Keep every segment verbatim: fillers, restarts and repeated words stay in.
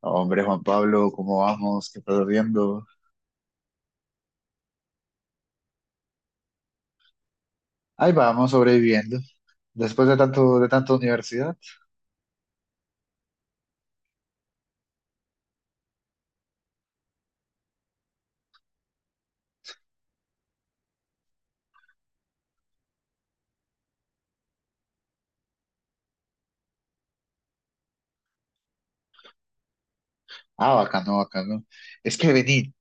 Hombre, Juan Pablo, ¿cómo vamos? ¿Qué estás viendo? Ahí vamos, sobreviviendo. Después de tanto, de tanta universidad. Ah, bacano, bacano. Es que vení,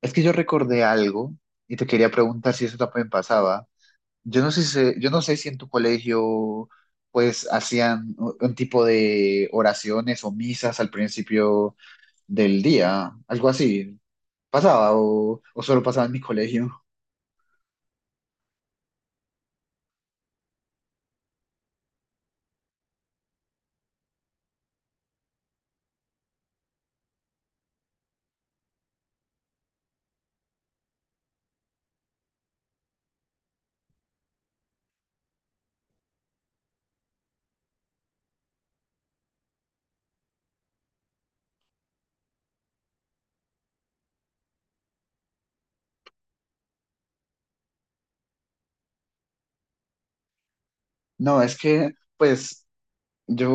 es que yo recordé algo y te quería preguntar si eso también pasaba. Yo no sé si, yo no sé si en tu colegio, pues, hacían un un tipo de oraciones o misas al principio del día, algo así. ¿Pasaba o, o solo pasaba en mi colegio? No, es que, pues. Yo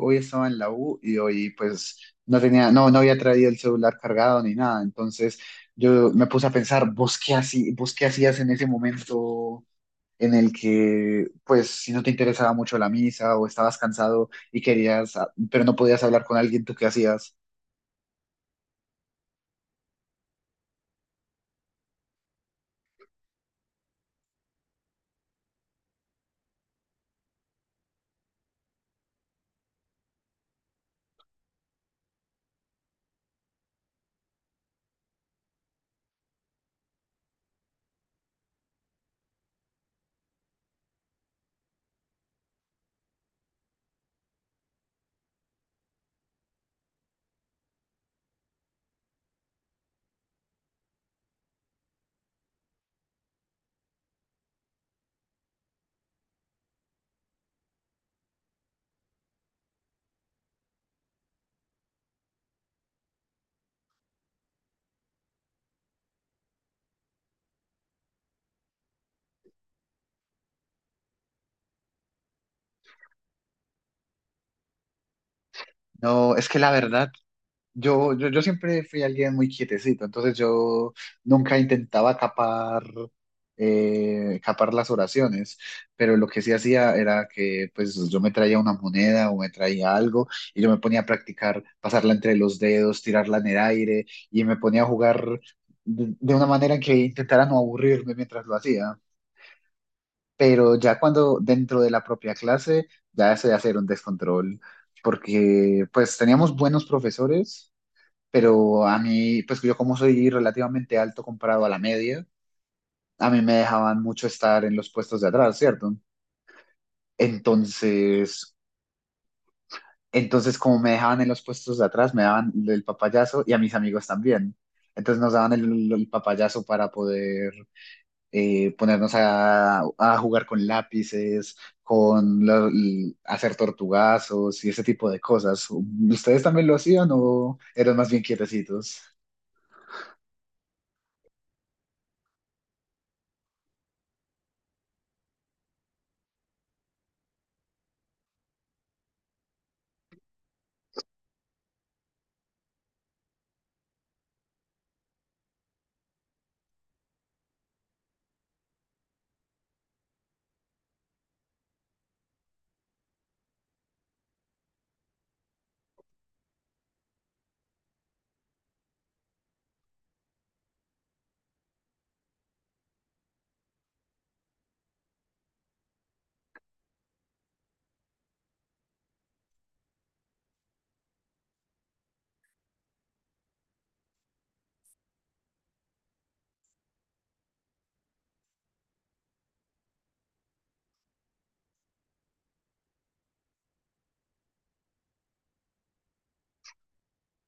hoy estaba en la U y hoy pues no tenía, no, no había traído el celular cargado ni nada. Entonces yo me puse a pensar, ¿vos qué así, vos qué hacías en ese momento en el que pues si no te interesaba mucho la misa o estabas cansado y querías, ah, pero no podías hablar con alguien? ¿Tú qué hacías? No, es que la verdad Yo, yo, yo siempre fui alguien muy quietecito, entonces yo nunca intentaba capar, eh, capar las oraciones, pero lo que sí hacía era que pues yo me traía una moneda o me traía algo y yo me ponía a practicar, pasarla entre los dedos, tirarla en el aire y me ponía a jugar de, de una manera que intentara no aburrirme mientras lo hacía. Pero ya cuando dentro de la propia clase ya se hacía un descontrol, porque pues teníamos buenos profesores, pero a mí, pues yo como soy relativamente alto comparado a la media, a mí me dejaban mucho estar en los puestos de atrás, ¿cierto? Entonces, entonces como me dejaban en los puestos de atrás, me daban el papayazo y a mis amigos también. Entonces nos daban el, el papayazo para poder eh, ponernos a, a jugar con lápices, con lo- l- hacer tortugazos y ese tipo de cosas. ¿Ustedes también lo hacían o eran más bien quietecitos?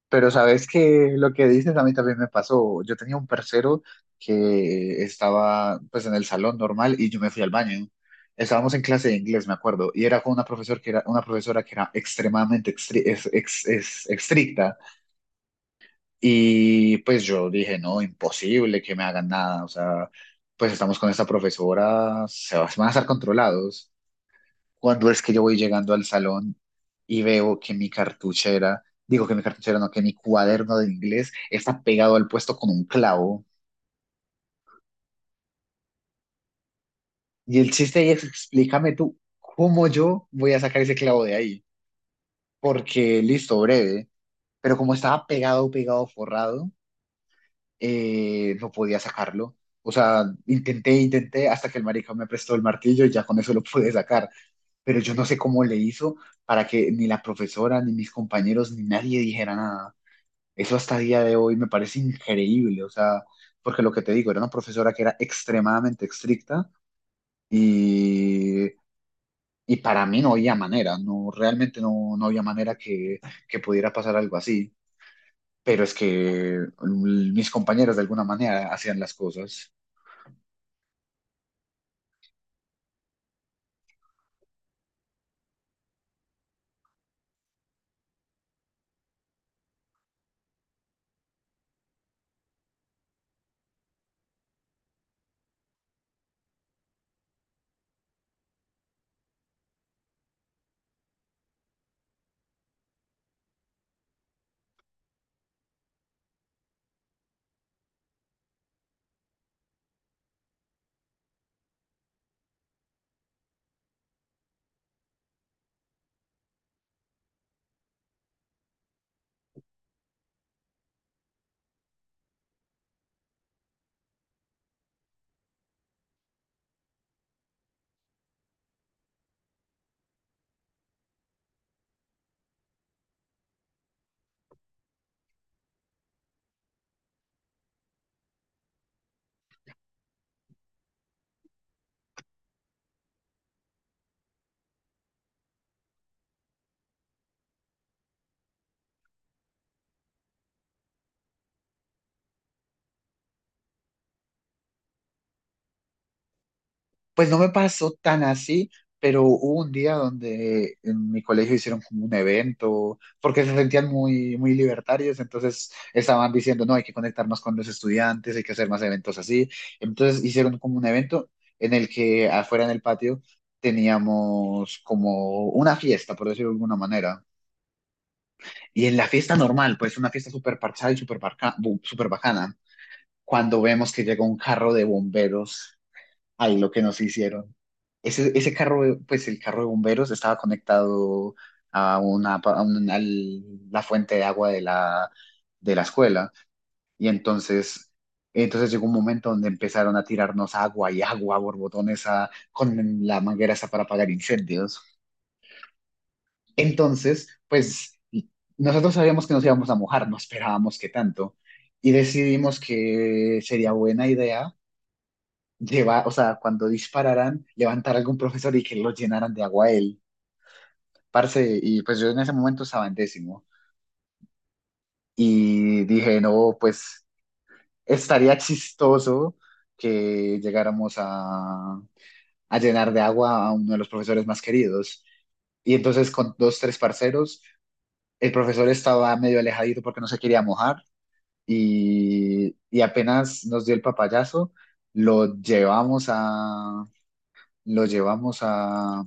Pero sabes que lo que dices a mí también me pasó. Yo tenía un parcero que estaba pues en el salón normal y yo me fui al baño. Estábamos en clase de inglés, me acuerdo, y era con una profesora que era una profesora que era extremadamente extri- es- ex- es- estricta y pues yo dije, no, imposible que me hagan nada, o sea, pues estamos con esta profesora, se va- se van a estar controlados, cuando es que yo voy llegando al salón y veo que mi cartuchera, digo que mi cartuchera no, que mi cuaderno de inglés está pegado al puesto con un clavo. Y el chiste ahí es, explícame tú, ¿cómo yo voy a sacar ese clavo de ahí? Porque listo, breve, pero como estaba pegado, pegado, forrado, eh, no podía sacarlo. O sea, intenté, intenté hasta que el marica me prestó el martillo y ya con eso lo pude sacar. Pero yo no sé cómo le hizo para que ni la profesora, ni mis compañeros, ni nadie dijera nada. Eso hasta día de hoy me parece increíble, o sea, porque lo que te digo, era una profesora que era extremadamente estricta y, y para mí no había manera, no, realmente no, no había manera que, que pudiera pasar algo así, pero es que mm, mis compañeros de alguna manera hacían las cosas. Pues no me pasó tan así, pero hubo un día donde en mi colegio hicieron como un evento, porque se sentían muy, muy libertarios, entonces estaban diciendo, no, hay que conectarnos con los estudiantes, hay que hacer más eventos así. Entonces hicieron como un evento en el que afuera en el patio teníamos como una fiesta, por decirlo de alguna manera. Y en la fiesta normal, pues una fiesta súper parchada y súper barca- bu- súper bacana, cuando vemos que llega un carro de bomberos, ahí lo que nos hicieron. Ese, ese carro, de- pues el carro de bomberos estaba conectado a una, pa- a un- al- la fuente de agua de la, de la escuela. Y entonces, entonces llegó un momento donde empezaron a tirarnos agua y agua, borbotones a, con la manguera esa para apagar incendios. Entonces, pues nosotros sabíamos que nos íbamos a mojar, no esperábamos que tanto. Y decidimos que sería buena idea llevar, o sea, cuando dispararan, levantar a algún profesor y que lo llenaran de agua a él. Parce, y pues yo en ese momento estaba en décimo y dije, no, pues estaría chistoso que llegáramos a, a llenar de agua a uno de los profesores más queridos. Y entonces con dos, tres parceros, el profesor estaba medio alejadito porque no se quería mojar y, y apenas nos dio el papayazo, lo llevamos a, lo llevamos a,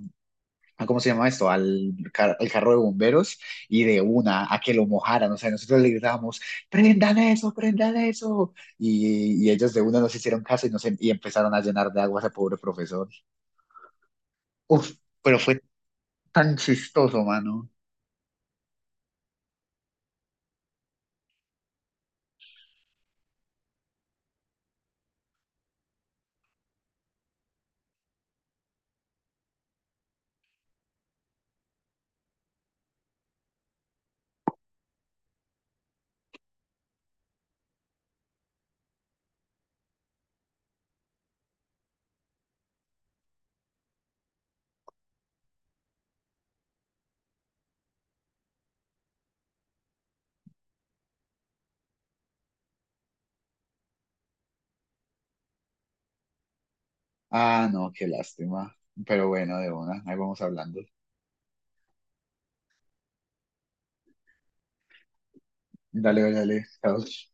a- ¿cómo se llama esto? Al, car- al carro de bomberos y de una a que lo mojaran. O sea, nosotros le gritábamos, prendan eso, prendan eso. Y, y ellos de una nos hicieron caso y, nos, em- y empezaron a llenar de agua a ese pobre profesor. Uf, pero fue tan chistoso, mano. Ah, no, qué lástima. Pero bueno, de una, ahí vamos hablando. Dale, dale, dale. Chao.